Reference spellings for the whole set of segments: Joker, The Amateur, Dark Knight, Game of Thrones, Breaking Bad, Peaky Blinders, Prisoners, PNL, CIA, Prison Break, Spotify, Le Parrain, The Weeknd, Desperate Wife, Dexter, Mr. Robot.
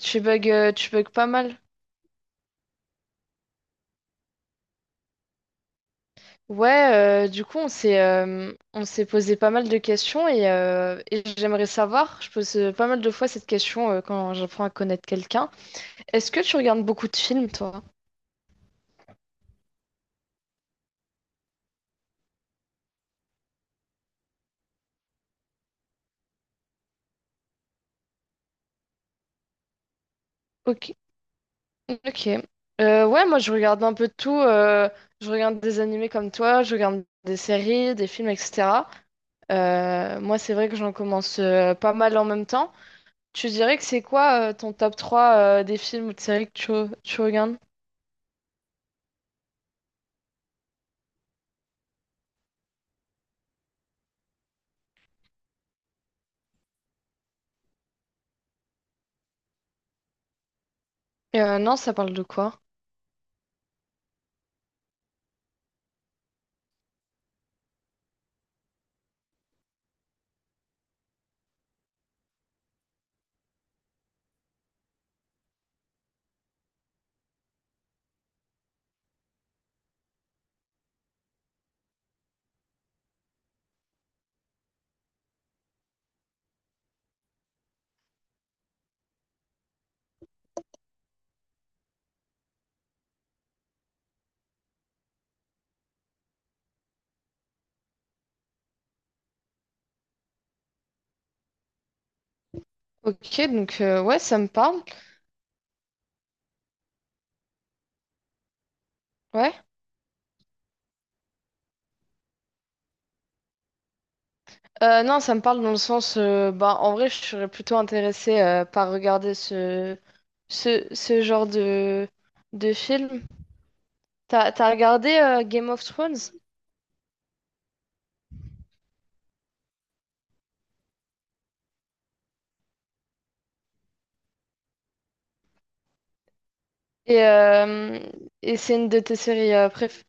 Tu bugs pas mal. Ouais, du coup, on s'est posé pas mal de questions et j'aimerais savoir, je pose pas mal de fois cette question quand j'apprends à connaître quelqu'un. Est-ce que tu regardes beaucoup de films, toi? Ok. Ok. Ouais, Moi je regarde un peu de tout. Je regarde des animés comme toi, je regarde des séries, des films, etc. Moi, c'est vrai que j'en commence pas mal en même temps. Tu dirais que c'est quoi ton top 3 des films ou de séries que tu regardes? Non, ça parle de quoi? Ok, donc ouais, ça me parle. Ouais. Non, ça me parle dans le sens, bah, en vrai, je serais plutôt intéressée par regarder ce genre de film. T'as regardé Game of Thrones? Et, euh, et c'est une de tes séries,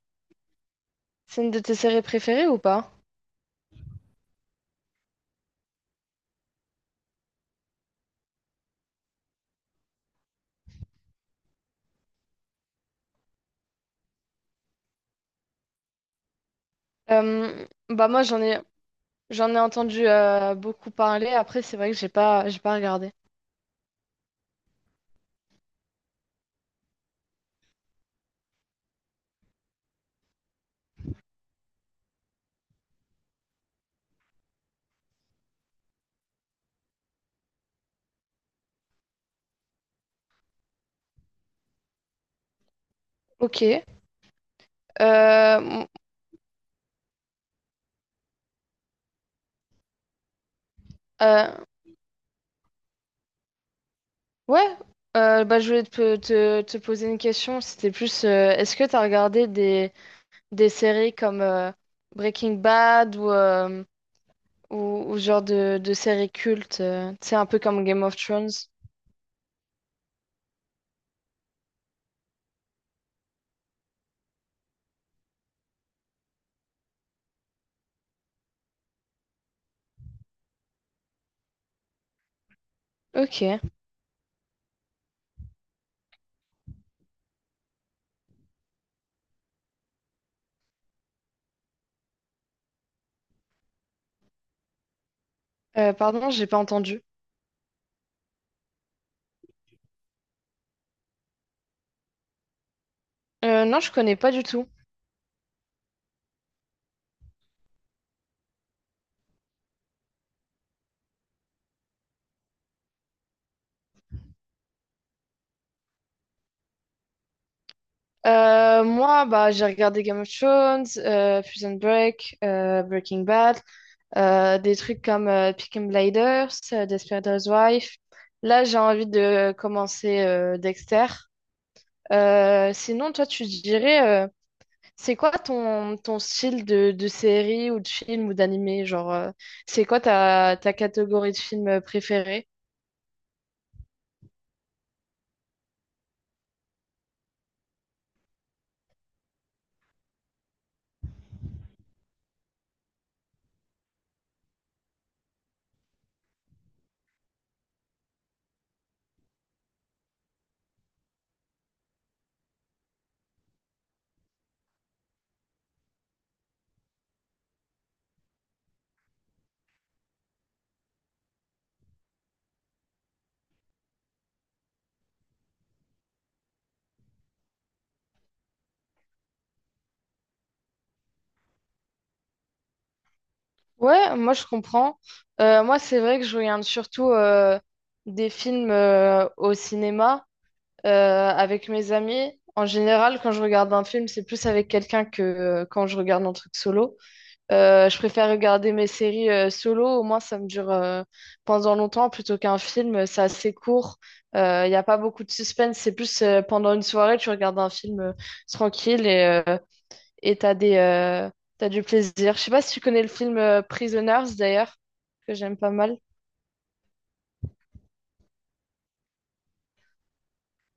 c'est une de tes séries préférées ou pas? Bah moi, j'en ai entendu beaucoup parler. Après, c'est vrai que j'ai pas regardé. Ok. Euh, m- euh, Ouais, Bah, je voulais te poser une question. C'était plus, est-ce que tu as regardé des séries comme Breaking Bad ou, ou ce genre de séries cultes, tu sais, un peu comme Game of Thrones? Ok. Pardon, j'ai pas entendu. Non, je connais pas du tout. Moi, bah, j'ai regardé Game of Thrones, Prison Break, Breaking Bad. Des trucs comme Peaky Blinders, Desperate Wife. Là, j'ai envie de commencer Dexter. Sinon, toi, tu dirais, c'est quoi ton, ton style de série ou de film ou d'animé? Genre, c'est quoi ta, ta catégorie de film préférée? Ouais, moi, je comprends. Moi, c'est vrai que je regarde surtout des films au cinéma. Avec mes amis, en général, quand je regarde un film, c'est plus avec quelqu'un que quand je regarde un truc solo. Je préfère regarder mes séries solo, au moins ça me dure pendant longtemps plutôt qu'un film, c'est assez court, il n'y a pas beaucoup de suspense, c'est plus pendant une soirée, tu regardes un film tranquille et et t'as des, euh, t'as du plaisir. Je sais pas si tu connais le film Prisoners d'ailleurs, que j'aime pas mal.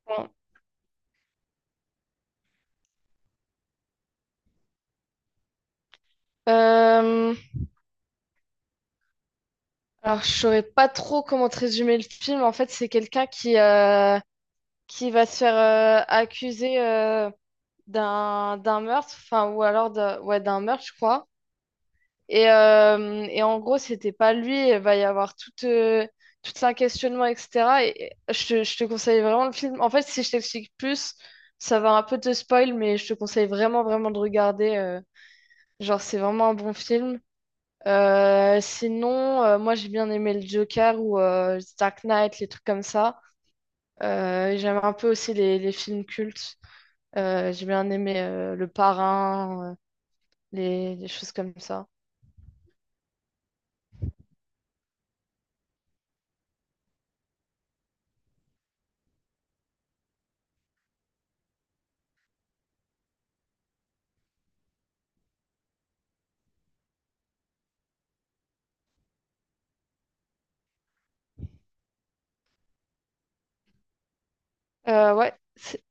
Ouais. Euh, Alors, je saurais pas trop comment te résumer le film. En fait, c'est quelqu'un qui va se faire accuser d'un meurtre, enfin, ou alors de, ouais, d'un meurtre, je crois. Et en gros, c'était pas lui. Il va y avoir tout un questionnement, etc. Je te conseille vraiment le film. En fait, si je t'explique plus, ça va un peu te spoil, mais je te conseille vraiment, vraiment de regarder. Genre, c'est vraiment un bon film. Sinon, moi j'ai bien aimé le Joker ou Dark Knight, les trucs comme ça. J'aime un peu aussi les films cultes. J'ai bien aimé Le Parrain, les choses comme ça. Euh, ouais. c'est-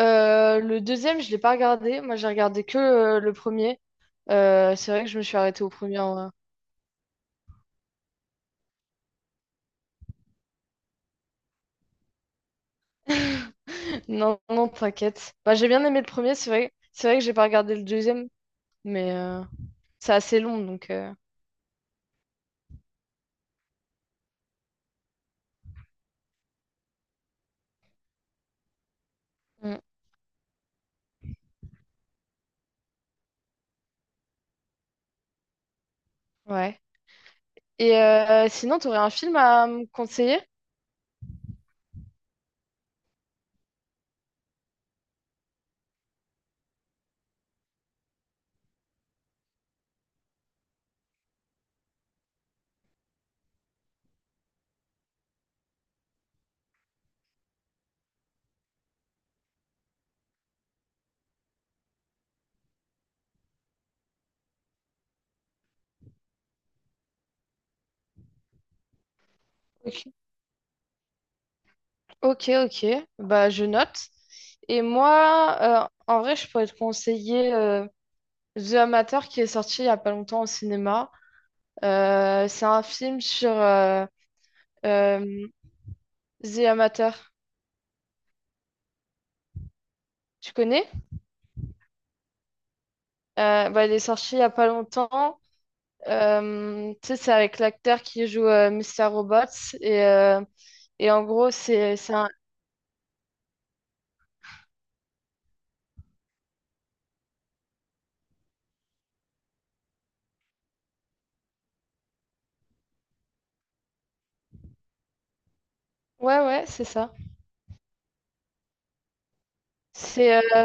le deuxième, je l'ai pas regardé. Moi j'ai regardé que le premier. C'est vrai que je me suis arrêtée au premier. En vrai. Non, non, t'inquiète. Bah, j'ai bien aimé le premier, c'est vrai. C'est vrai que j'ai pas regardé le deuxième, mais c'est assez long donc. mm, Ouais. Et sinon, tu aurais un film à me conseiller? Ok. Ok, ok. Bah, je note. Et moi, en vrai, je pourrais te conseiller The Amateur qui est sorti il y a pas longtemps au cinéma. C'est un film sur euh, The Amateur. Tu connais? Bah, il est sorti il y a pas longtemps. Tu sais, c'est avec l'acteur qui joue Mr. Robots. Et en gros, c'est un... Ouais, ouais, c'est ça. C'est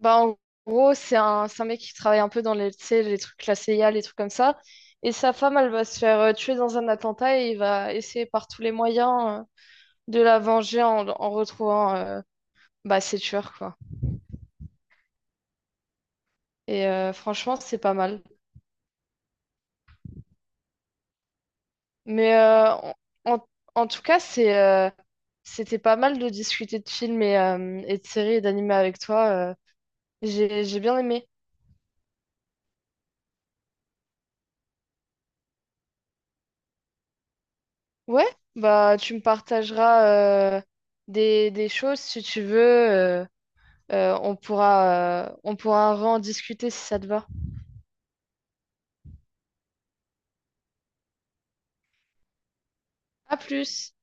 Bah, en gros, c'est un mec qui travaille un peu dans les, tu sais, les trucs, la CIA, les trucs comme ça. Et sa femme, elle va se faire tuer dans un attentat et il va essayer par tous les moyens de la venger en, en retrouvant bah, ses tueurs, quoi. Et franchement, c'est pas mal. Mais euh, en, en- En tout cas, c'était pas mal de discuter de films et de séries et d'animés avec toi. J'ai j'ai bien aimé. Ouais, bah, tu me partageras des choses si tu veux. euh, on pourra, on pourra en discuter si ça te va. À plus!